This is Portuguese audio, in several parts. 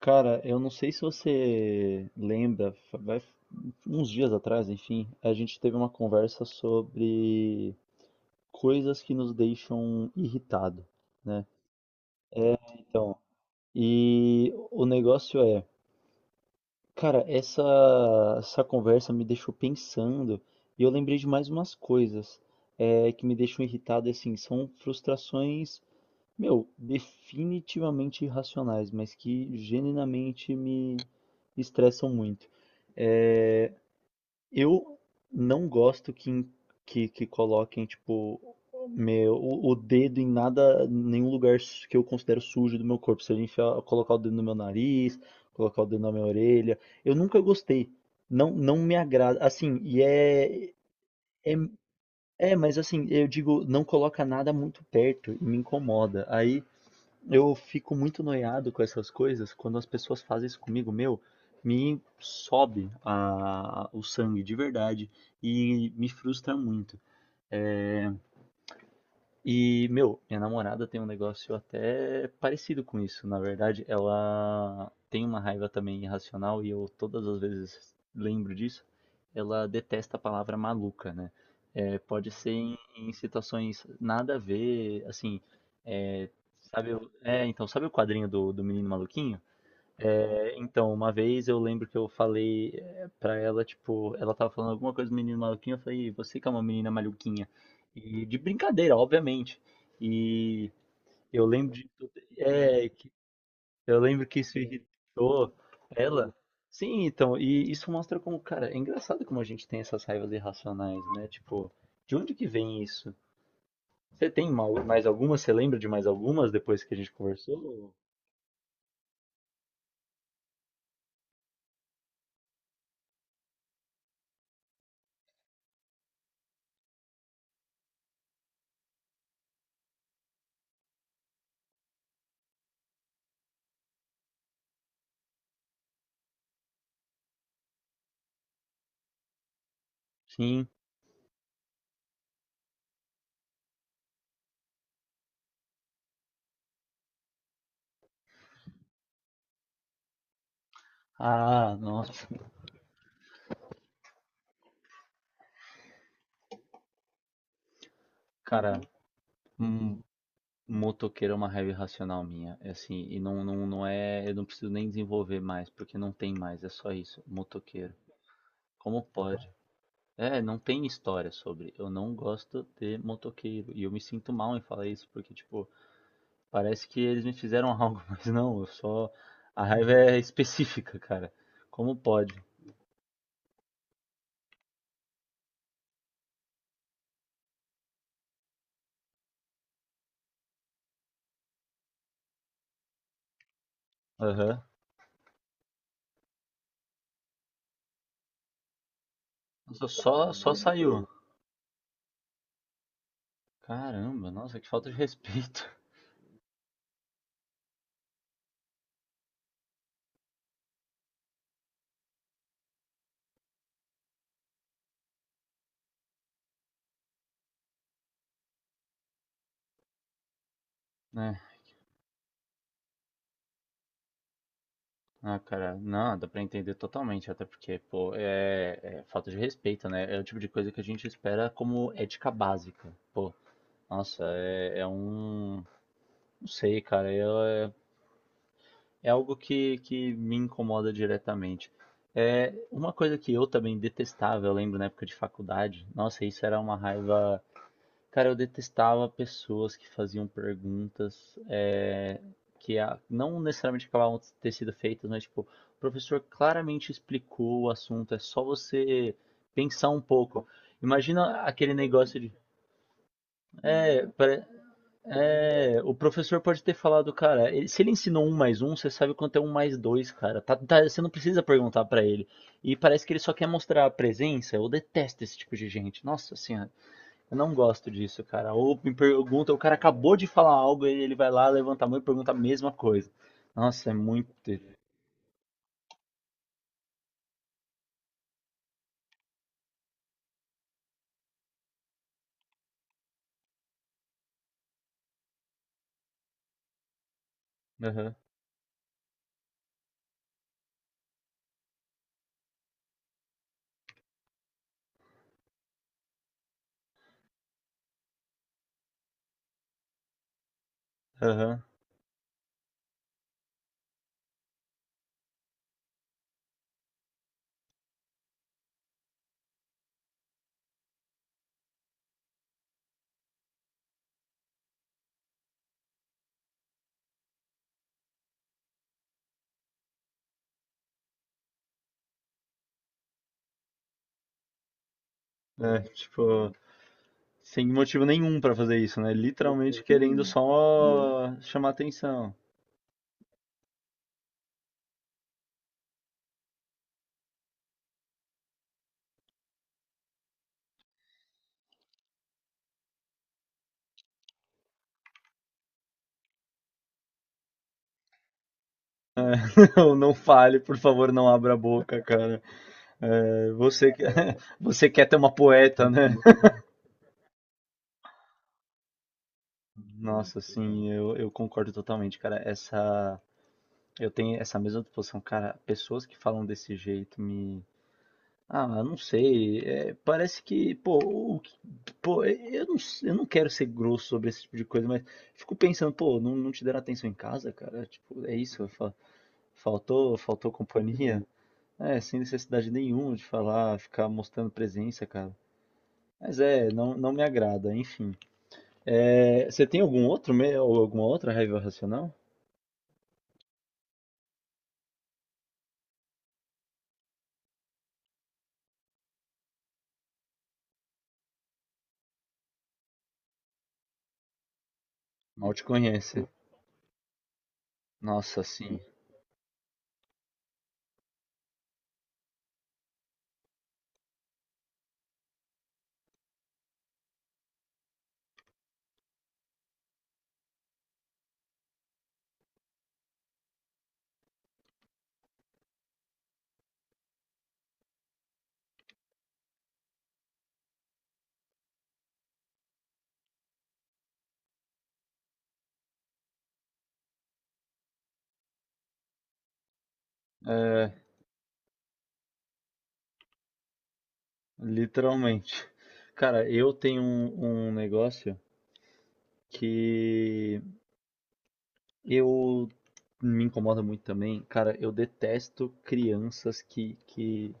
Cara, eu não sei se você lembra, uns dias atrás, enfim, a gente teve uma conversa sobre coisas que nos deixam irritado, né? Então, e o negócio é, cara, essa conversa me deixou pensando e eu lembrei de mais umas coisas, que me deixam irritado, e, assim, são frustrações, meu, definitivamente irracionais, mas que genuinamente me estressam muito. Eu não gosto que coloquem, tipo, meu, o dedo em nada, nenhum lugar que eu considero sujo do meu corpo. Se eu enfiar, colocar o dedo no meu nariz, colocar o dedo na minha orelha. Eu nunca gostei. Não, não me agrada. Assim, e é, é. É, mas assim, eu digo, não coloca nada muito perto e me incomoda. Aí eu fico muito noiado com essas coisas quando as pessoas fazem isso comigo, meu, me sobe o sangue de verdade e me frustra muito. E, meu, minha namorada tem um negócio até parecido com isso. Na verdade, ela tem uma raiva também irracional e eu todas as vezes lembro disso. Ela detesta a palavra maluca, né? É, pode ser em situações nada a ver, assim, é, sabe, então, sabe o quadrinho do Menino Maluquinho? É, então, uma vez eu lembro que eu falei, pra ela, tipo, ela tava falando alguma coisa do Menino Maluquinho, eu falei, você que é uma menina maluquinha. E de brincadeira, obviamente. E eu lembro de, é, que- eu lembro que isso irritou ela. Sim, então, e isso mostra como, cara, é engraçado como a gente tem essas raivas irracionais, né? Tipo, de onde que vem isso? Você tem mais algumas? Você lembra de mais algumas depois que a gente conversou? Sim. Ah, nossa, cara. hum, Motoqueiro é uma raiva irracional minha, é assim, e não, não, não é, eu não preciso nem desenvolver mais, porque não tem mais, é só isso, motoqueiro. Como pode? É, não tem história sobre, eu não gosto de motoqueiro, e eu me sinto mal em falar isso, porque, tipo, parece que eles me fizeram algo, mas não, eu só, a raiva é específica, cara, como pode? Aham. Nossa, só saiu. Caramba, nossa, que falta de respeito, né? Ah, cara, não, dá pra entender totalmente, até porque, pô, é falta de respeito, né? É o tipo de coisa que a gente espera como ética básica. Pô, nossa, é um. Não sei, cara, é algo que me incomoda diretamente. É uma coisa que eu também detestava, eu lembro na época de faculdade, nossa, isso era uma raiva. Cara, eu detestava pessoas que faziam perguntas, que não necessariamente acabavam de ter sido feitas, mas tipo, o professor claramente explicou o assunto, é só você pensar um pouco. Imagina aquele negócio de. É, pare- o professor pode ter falado, cara, se ele ensinou um mais um, você sabe quanto é um mais dois, cara. Você não precisa perguntar pra ele. E parece que ele só quer mostrar a presença. Eu detesto esse tipo de gente. Nossa senhora. Eu não gosto disso, cara. Ou me pergunta, o cara acabou de falar algo e ele vai lá, levanta a mão e pergunta a mesma coisa. Nossa, é muito. Aham, aham. É, tipo, sem motivo nenhum pra fazer isso, né? Literalmente querendo só chamar atenção. Não, não fale, por favor, não abra a boca, cara. É, você quer ter uma poeta, né? Nossa, sim, eu concordo totalmente, cara. Essa, eu tenho essa mesma disposição, cara. Pessoas que falam desse jeito me. Ah, não sei. Parece que, pô, o que- pô, é, eu não, s- eu não quero ser grosso sobre esse tipo de coisa, mas fico pensando, pô, não, não te deram atenção em casa, cara? Tipo, é isso, faltou companhia? É, sem necessidade nenhuma de falar, ficar mostrando presença, cara. Mas é, não, não me agrada, enfim. É, você tem algum outro, ou alguma outra raiva racional? Mal te conhece. Nossa, sim. É, literalmente. Cara, eu tenho um negócio. Que eu me incomoda muito também, cara, eu detesto crianças que, que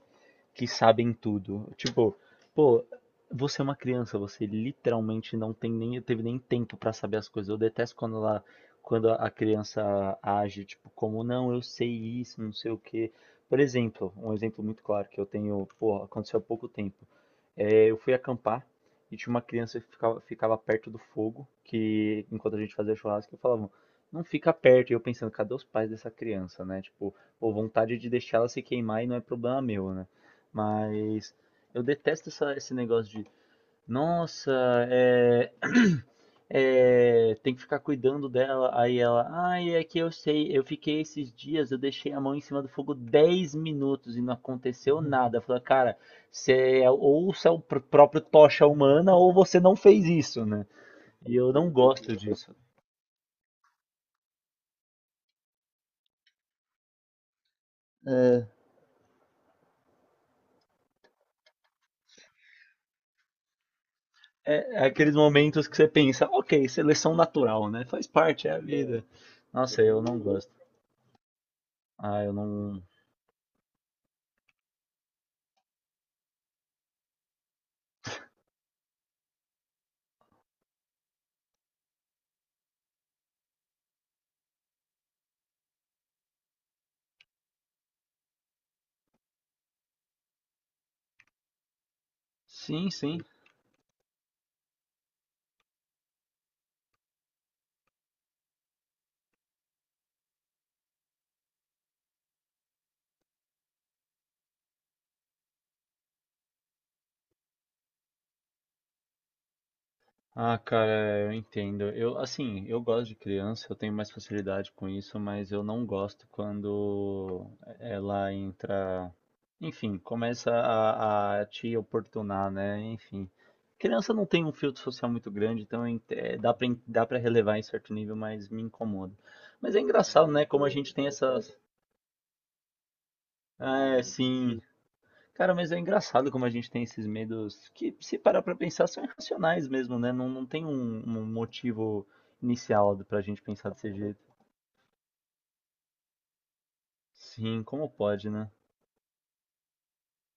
que sabem tudo. Tipo, pô, você é uma criança, você literalmente não tem nem, teve nem tempo pra saber as coisas. Eu detesto quando ela, quando a criança age, tipo, como, não, eu sei isso, não sei o quê. Por exemplo, um exemplo muito claro que eu tenho, pô, aconteceu há pouco tempo. É, eu fui acampar e tinha uma criança que ficava perto do fogo, que enquanto a gente fazia churrasco, eu falava, não fica perto. E eu pensando, cadê os pais dessa criança, né? Tipo, pô, vontade de deixar ela se queimar e não é problema meu, né? Mas eu detesto esse negócio de, nossa, é, tem que ficar cuidando dela. Aí ela, ai, é que eu sei, eu fiquei esses dias, eu deixei a mão em cima do fogo 10 minutos e não aconteceu nada. Eu falo, cara, ou você é o próprio tocha humana ou você não fez isso, né? E eu não gosto disso. É aqueles momentos que você pensa, ok, seleção natural, né? Faz parte, é a vida. Nossa, eu não gosto. Ah, eu não. Sim, sim. Ah, cara, eu entendo. Eu, assim, eu gosto de criança, eu tenho mais facilidade com isso, mas eu não gosto quando ela entra, enfim, começa a te oportunar, né? Enfim, criança não tem um filtro social muito grande, então dá pra relevar em certo nível, mas me incomoda. Mas é engraçado, né? Como a gente tem essas. É, sim. Cara, mas é engraçado como a gente tem esses medos que, se parar pra pensar, são irracionais mesmo, né? Não, não tem um motivo inicial pra gente pensar desse jeito. Sim, como pode, né?